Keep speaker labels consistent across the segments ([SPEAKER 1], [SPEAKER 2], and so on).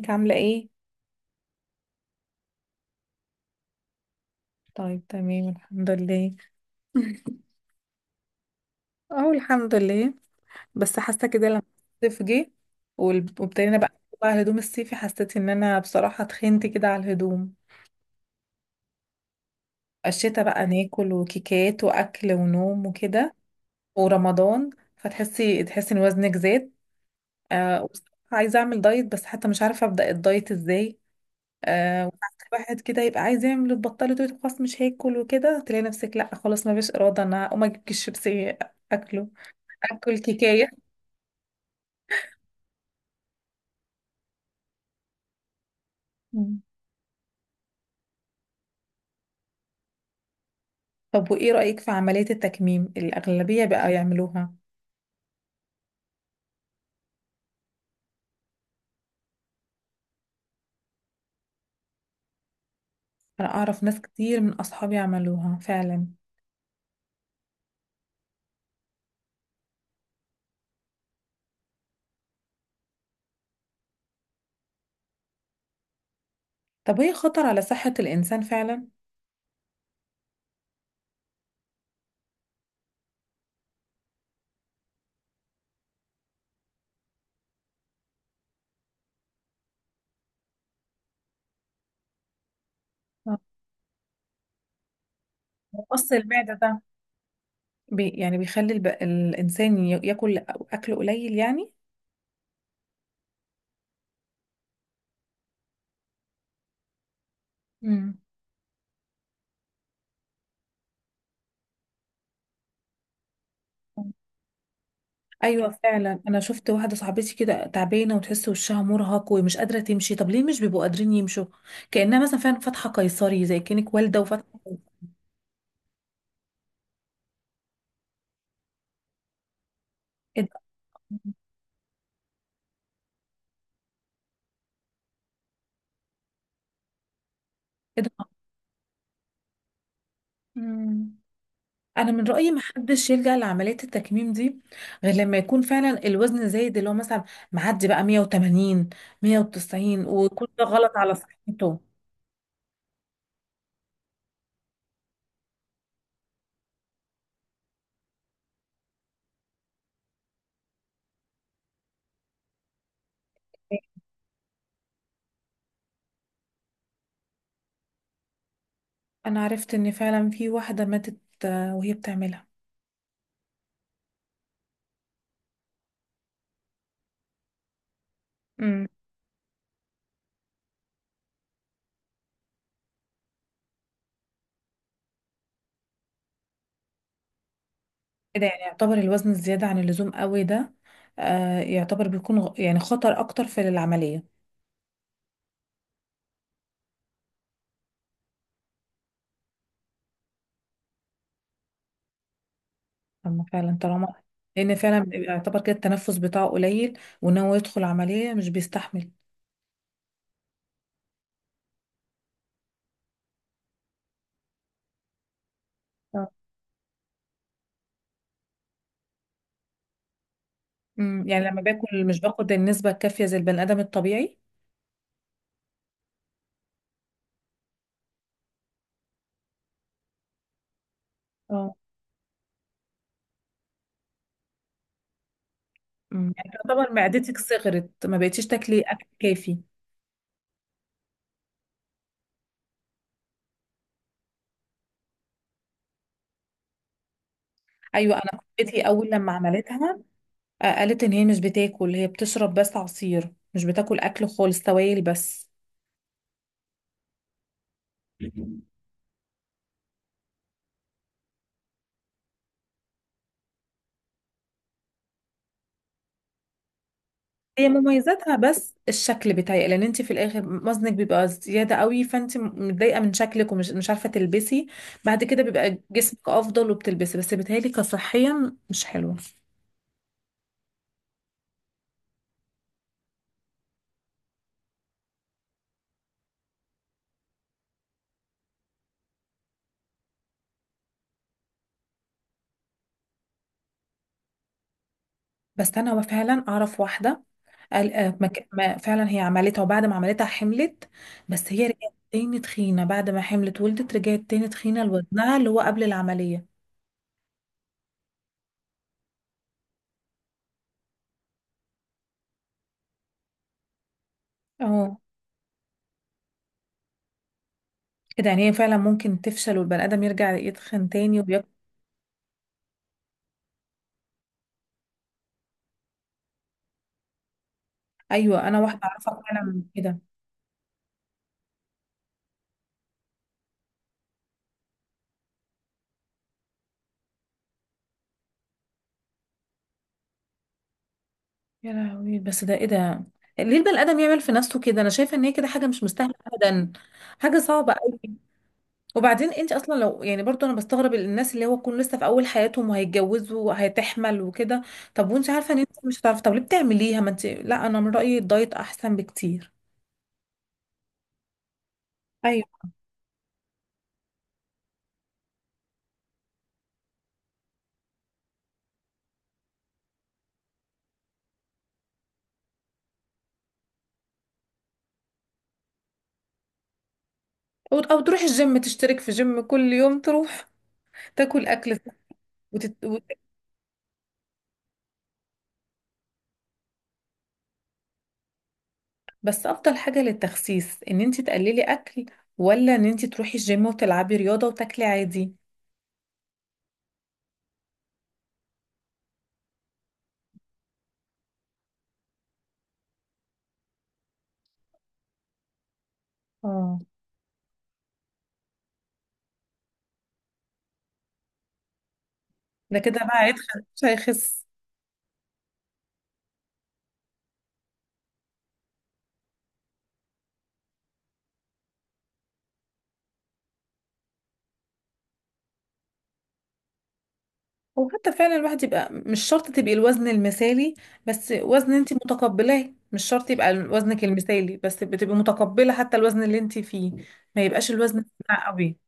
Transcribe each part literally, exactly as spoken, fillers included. [SPEAKER 1] ازيك عاملة ايه؟ طيب تمام الحمد لله. اه الحمد لله. بس حاسة كده لما الصيف جه، وال- وابتدينا بقى بقى الهدوم الصيفي، حسيت ان انا بصراحة اتخنت كده على الهدوم. الشتا بقى ناكل وكيكات واكل ونوم وكده، ورمضان. فتحسي تحسي ان وزنك زاد. آه، وبصراحة عايزة اعمل دايت، بس حتى مش عارفة ابدأ الدايت ازاي. آه، وساعات الواحد كده يبقى عايز يعمل البطاله، تقول خلاص مش هاكل وكده، تلاقي نفسك لا خلاص ما فيش اراده، انا اقوم اجيب كيس شيبسي. اكله. اكل كيكايه. مم. طب وايه رايك في عمليه التكميم، الاغلبيه بقى يعملوها؟ انا اعرف ناس كتير من اصحابي عملوها فعلا. طب هي خطر على صحه الانسان فعلا؟ آه. مقص المعده ده بي يعني بيخلي الب... الانسان ي- ياكل اكل قليل يعني. مم. ايوه فعلا انا شفت واحده صاحبتي كده تعبانه وتحس وشها مرهق ومش قادره تمشي. طب ليه مش بيبقوا قادرين يمشوا؟ كانها مثلا فعلا فاتحه قيصري، زي كانك والده وفاتحه قيصري. ايه ده؟ إيه ده؟ مم. انا من رايي ما حدش يلجا لعمليه التكميم دي، غير لما يكون فعلا الوزن زايد اللي هو مثلا معدي بقى مية وتمانين، مية وتسعين، ويكون ده غلط على صحته. انا عرفت ان فعلا في واحده ماتت. آه، وهي بتعملها. كده يعني يعتبر الوزن الزيادة عن اللزوم قوي ده؟ آه، يعتبر بيكون غ- يعني خطر أكتر في العملية. أما فعلا طالما. لأن فعلا بيبقى يعتبر كده التنفس بتاعه قليل، وإن هو يدخل عملية مش بيستحمل. اه. امم يعني لما باكل مش باخد النسبة الكافية زي البني آدم الطبيعي. اه. امم يعني تعتبر معدتك صغرت، ما بقتيش تاكلي أكل كافي. أيوة، أنا كنتي أول لما عملتها. آه، قالت إن هي مش بتاكل، هي بتشرب بس عصير، مش بتاكل أكل خالص، سوائل بس. هي مميزاتها بس الشكل بتاعي، لان انت في الاخر وزنك بيبقى زياده قوي، فانت متضايقه من شكلك ومش مش عارفه تلبسي. بعد كده بيبقى جسمك افضل وبتلبسي، بس بيتهيألي كصحيا مش حلوه. بس انا فعلا اعرف واحده. قال آه، ما ك- ما- فعلا هي عملتها وبعد ما عملتها حملت. بس هي رجعت تاني تخينه، بعد ما حملت ولدت رجعت تاني تخينه لوزنها اللي هو قبل العمليه. اه. كده يعني هي فعلا ممكن تفشل، والبني ادم يرجع يتخن تاني وياكل؟ ايوه، انا واحده اعرفها فعلا من كده. يا لهوي، بس ده ايه ده؟ ليه البني ادم يعمل في نفسه كده؟ انا شايفه ان هي كده حاجه مش مستاهله ابدا. حاجه صعبه قوي. وبعدين انت اصلا لو يعني برضو انا بستغرب الناس اللي هو يكون لسه في اول حياتهم وهيتجوزوا وهتحمل وكده. طب وانت عارفه ان انت مش هتعرفي. طب ليه بتعمليها؟ ما انت، لا انا من رايي الدايت احسن بكتير. ايوه. او أو تروح الجيم، تشترك في جيم كل يوم تروح. تاكل اكل صح. وتت... وت... بس افضل حاجه للتخسيس ان انت تقللي اكل، ولا ان انت تروحي الجيم وتلعبي رياضه وتاكلي عادي؟ اه. ده كده بقى هيتخن مش هيخس. وحتى فعلا الواحد يبقى مش شرط تبقي الوزن المثالي، بس وزن انت متقبلاه، مش شرط يبقى وزنك المثالي، بس بتبقي متقبلة حتى الوزن اللي انت فيه. ما يبقاش الوزن بتاع قوي.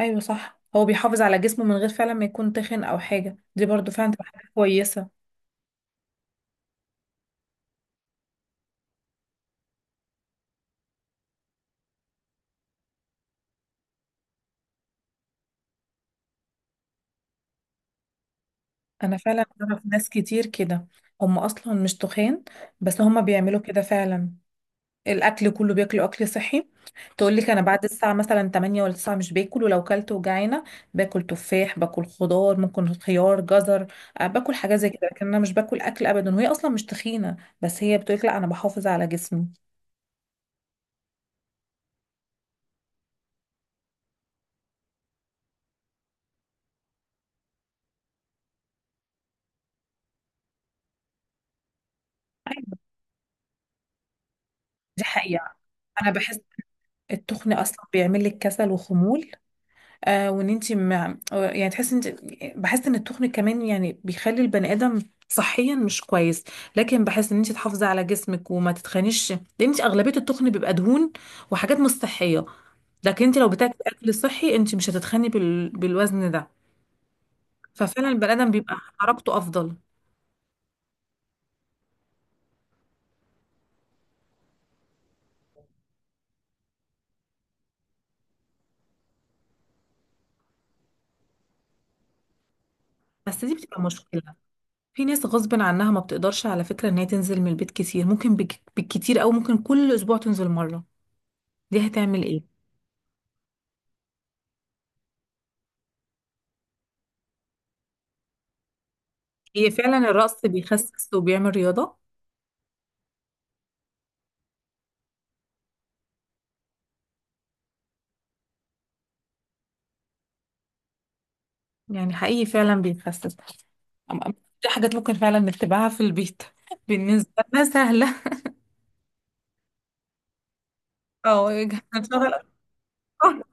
[SPEAKER 1] ايوه صح، هو بيحافظ على جسمه من غير فعلا ما يكون تخن او حاجة، دي برضو فعلا تبقى حاجة كويسة. انا فعلا اعرف ناس كتير كده. هم اصلا مش تخان. بس هم بيعملوا كده فعلا. الاكل كله بياكلوا اكل صحي. تقول لك انا بعد الساعه مثلا تمانية ولا تسعة مش باكل، ولو كلت وجعانه. باكل تفاح، باكل خضار، ممكن خيار، جزر. آه، باكل حاجات زي كده، لكن انا مش باكل اكل ابدا وهي اصلا مش تخينه. بس هي بتقول لك لا، انا بحافظ على جسمي. ايوه، دي حقيقه. انا بحس. التخن اصلا بيعمل لك كسل وخمول. آه، وان انت مع... آه، يعني تحس انت. بحس ان التخن كمان يعني بيخلي البني ادم صحيا مش كويس. لكن بحس ان انت تحافظي على جسمك وما تتخنيش، لان انت اغلبيه التخن بيبقى دهون وحاجات مش صحيه. لكن انت لو بتاكلي اكل صحي انت مش هتتخني بال... بالوزن ده. ففعلا البني ادم بيبقى حركته افضل. بس دي بتبقى مشكله. في ناس غصب عنها ما بتقدرش على فكره ان هي تنزل من البيت كتير، ممكن بك... بالكتير، او ممكن كل اسبوع تنزل مره. دي هتعمل ايه؟ هي فعلا الرقص بيخسس وبيعمل رياضه. يعني حقيقي فعلا بيخسس. أم- أم- دي حاجات ممكن فعلا نتبعها في البيت. بالنسبه لنا سهله. او نشغل أطفال،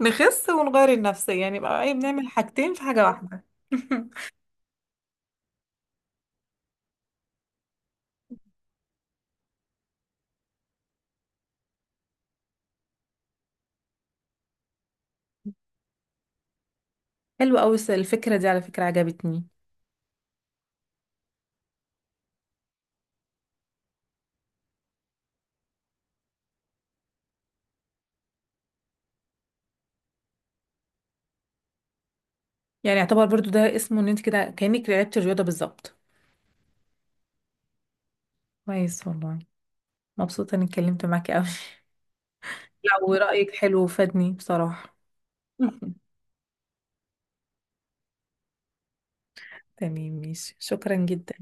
[SPEAKER 1] نخس ونغير النفسيه، يعني بقى ايه، بنعمل حاجتين في حاجه واحده. حلو قوي الفكرة دي، على فكرة عجبتني. يعني يعتبر برضو ده اسمه ان انت كده كأنك لعبت الرياضة بالظبط. كويس والله. مبسوطة اني اتكلمت معاكي قوي. لا، ورأيك حلو وفادني بصراحة. تمام ماشي، شكرا جدا.